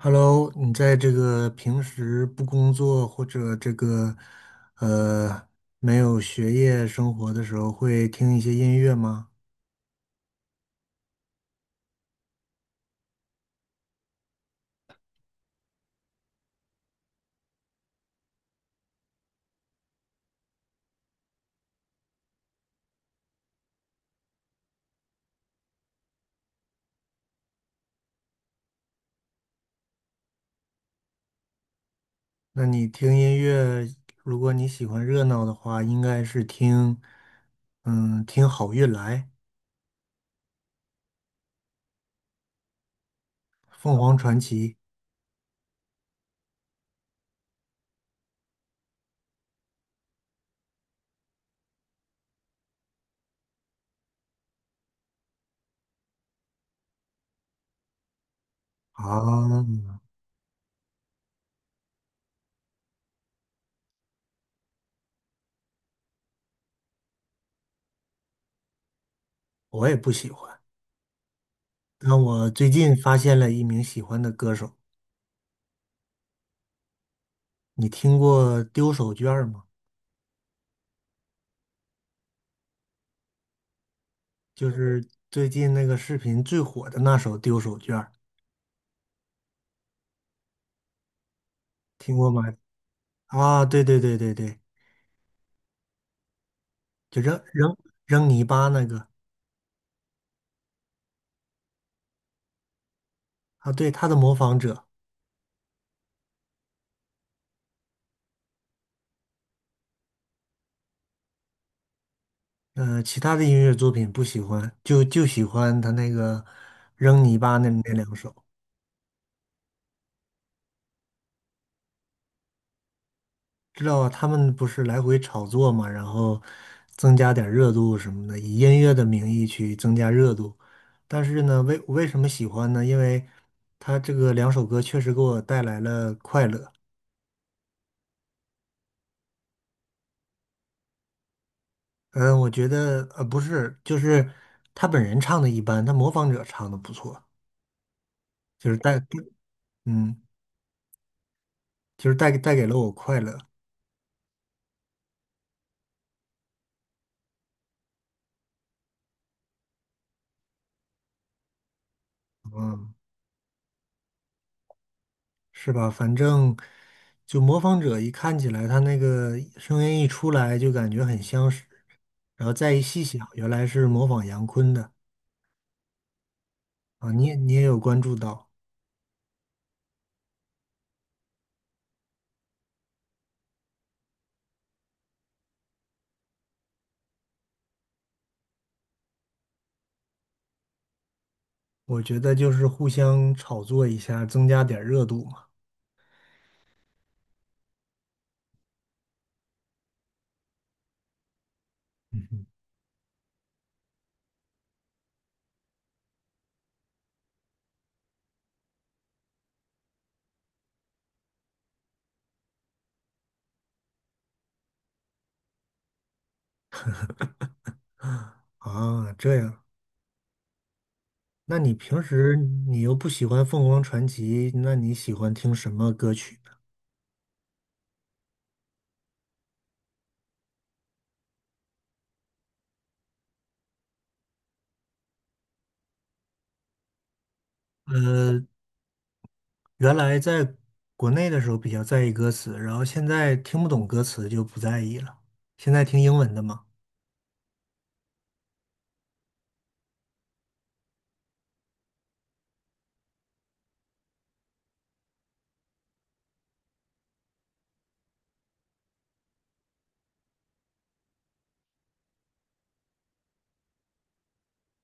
Hello，你在这个平时不工作或者这个呃没有学业生活的时候，会听一些音乐吗？那你听音乐，如果你喜欢热闹的话，应该是听听好运来、凤凰传奇啊，我也不喜欢，那我最近发现了一名喜欢的歌手，你听过丢手绢吗？就是最近那个视频最火的那首《丢手绢听过吗？啊，对对对对对，就扔扔泥巴那个啊，对，他的模仿者。呃，其他的音乐作品不喜欢，就喜欢他那个扔泥巴那两首。知道他们不是来回炒作嘛，然后增加点热度什么的，以音乐的名义去增加热度。但是呢，为什么喜欢呢？因为他这个两首歌确实给我带来了快乐。嗯、我觉得不是，就是他本人唱的一般，他模仿者唱的不错。就是带，嗯，就是带给了我快乐。嗯，是吧？反正就模仿者一看起来，他那个声音一出来就感觉很相识，然后再一细想，原来是模仿杨坤的。啊！你也有关注到。我觉得就是互相炒作一下，增加点儿热度嘛。嗯哼。啊，这样。那你平时你又不喜欢凤凰传奇，那你喜欢听什么歌曲呢？呃原来在国内的时候比较在意歌词，然后现在听不懂歌词就不在意了。现在听英文的吗？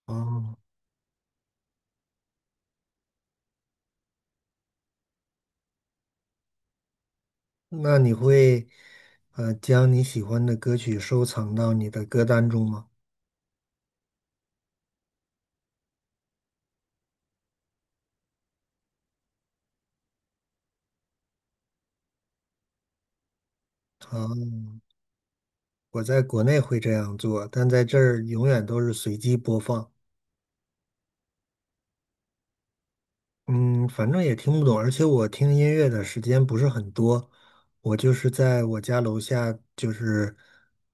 哦，那你会将你喜欢的歌曲收藏到你的歌单中吗？哦，我在国内会这样做，但在这儿永远都是随机播放。嗯，反正也听不懂，而且我听音乐的时间不是很多。我就是在我家楼下，就是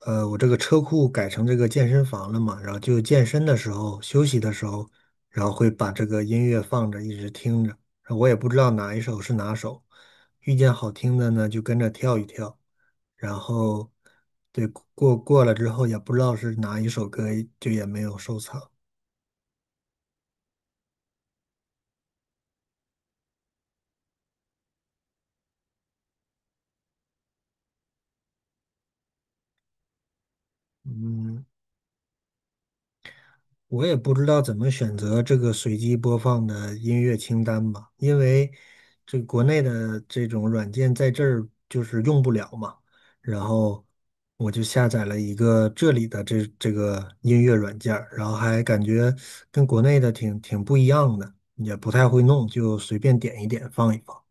我这个车库改成这个健身房了嘛，然后就健身的时候、休息的时候，然后会把这个音乐放着，一直听着，然后我也不知道哪一首是哪首，遇见好听的呢就跟着跳一跳，然后对过了之后也不知道是哪一首歌，就也没有收藏。嗯，我也不知道怎么选择这个随机播放的音乐清单吧，因为这国内的这种软件在这儿就是用不了嘛。然后我就下载了一个这里的这个音乐软件儿，然后还感觉跟国内的挺不一样的，也不太会弄，就随便点一点放一放。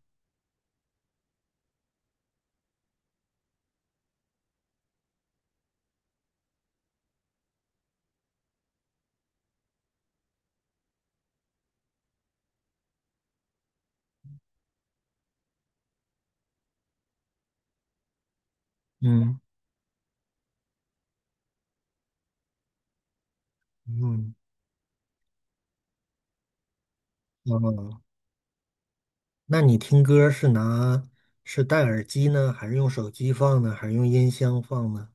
嗯嗯，哦，那你听歌是拿是戴耳机呢，还是用手机放呢，还是用音箱放呢？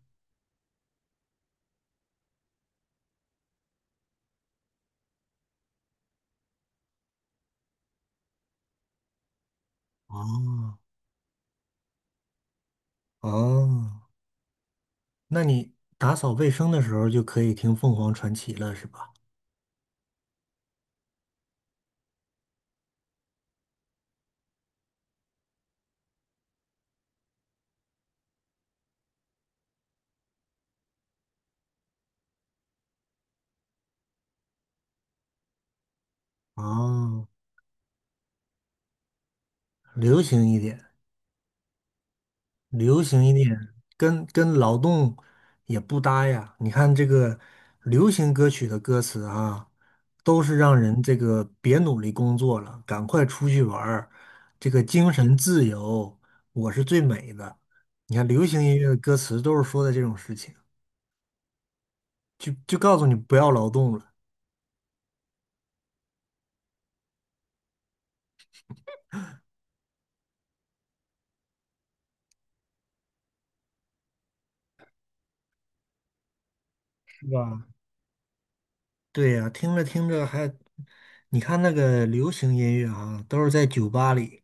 哦。哦，那你打扫卫生的时候就可以听凤凰传奇了，是吧？哦，流行一点，流行一点，跟劳动也不搭呀。你看这个流行歌曲的歌词啊，都是让人这个别努力工作了，赶快出去玩儿，这个精神自由，我是最美的。你看流行音乐的歌词都是说的这种事情，就告诉你不要劳动了，是吧？对呀，听着听着还，你看那个流行音乐啊，都是在酒吧里，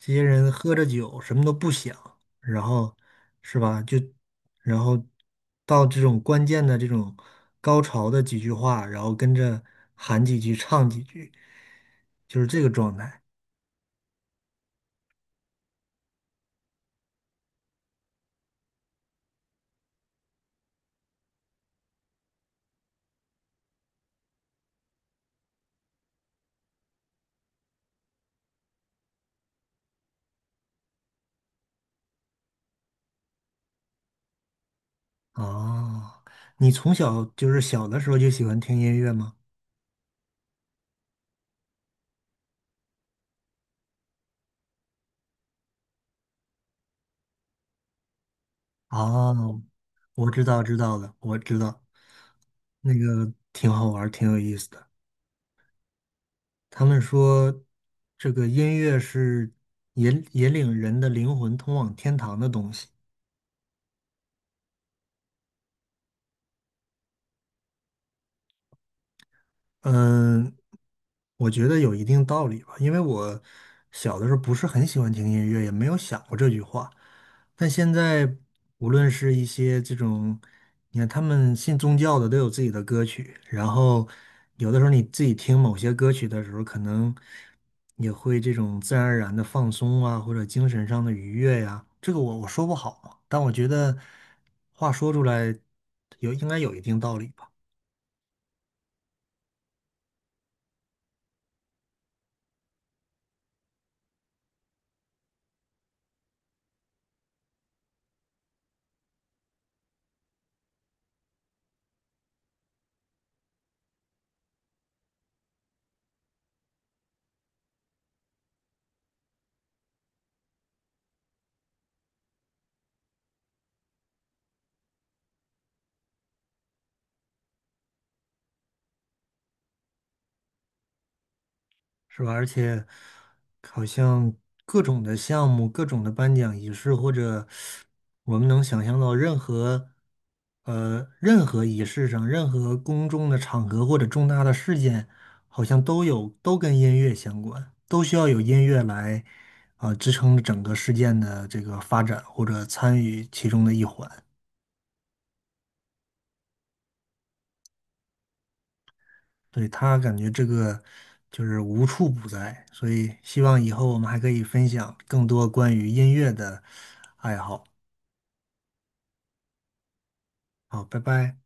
这些人喝着酒，什么都不想，然后是吧？就然后到这种关键的这种高潮的几句话，然后跟着喊几句，唱几句，就是这个状态啊。你从小就是小的时候就喜欢听音乐吗？啊，我知道知道了，我知道，那个挺好玩儿，挺有意思的。他们说，这个音乐是引领人的灵魂通往天堂的东西。嗯，我觉得有一定道理吧，因为我小的时候不是很喜欢听音乐，也没有想过这句话。但现在，无论是一些这种，你看他们信宗教的都有自己的歌曲，然后有的时候你自己听某些歌曲的时候，可能也会这种自然而然的放松啊，或者精神上的愉悦呀、这个我说不好，但我觉得话说出来有应该有一定道理吧。是吧？而且好像各种的项目、各种的颁奖仪式，或者我们能想象到任何任何仪式上、任何公众的场合或者重大的事件，好像都有都跟音乐相关，都需要有音乐来啊、支撑整个事件的这个发展或者参与其中的一环。对，他感觉这个就是无处不在，所以希望以后我们还可以分享更多关于音乐的爱好。好，拜拜。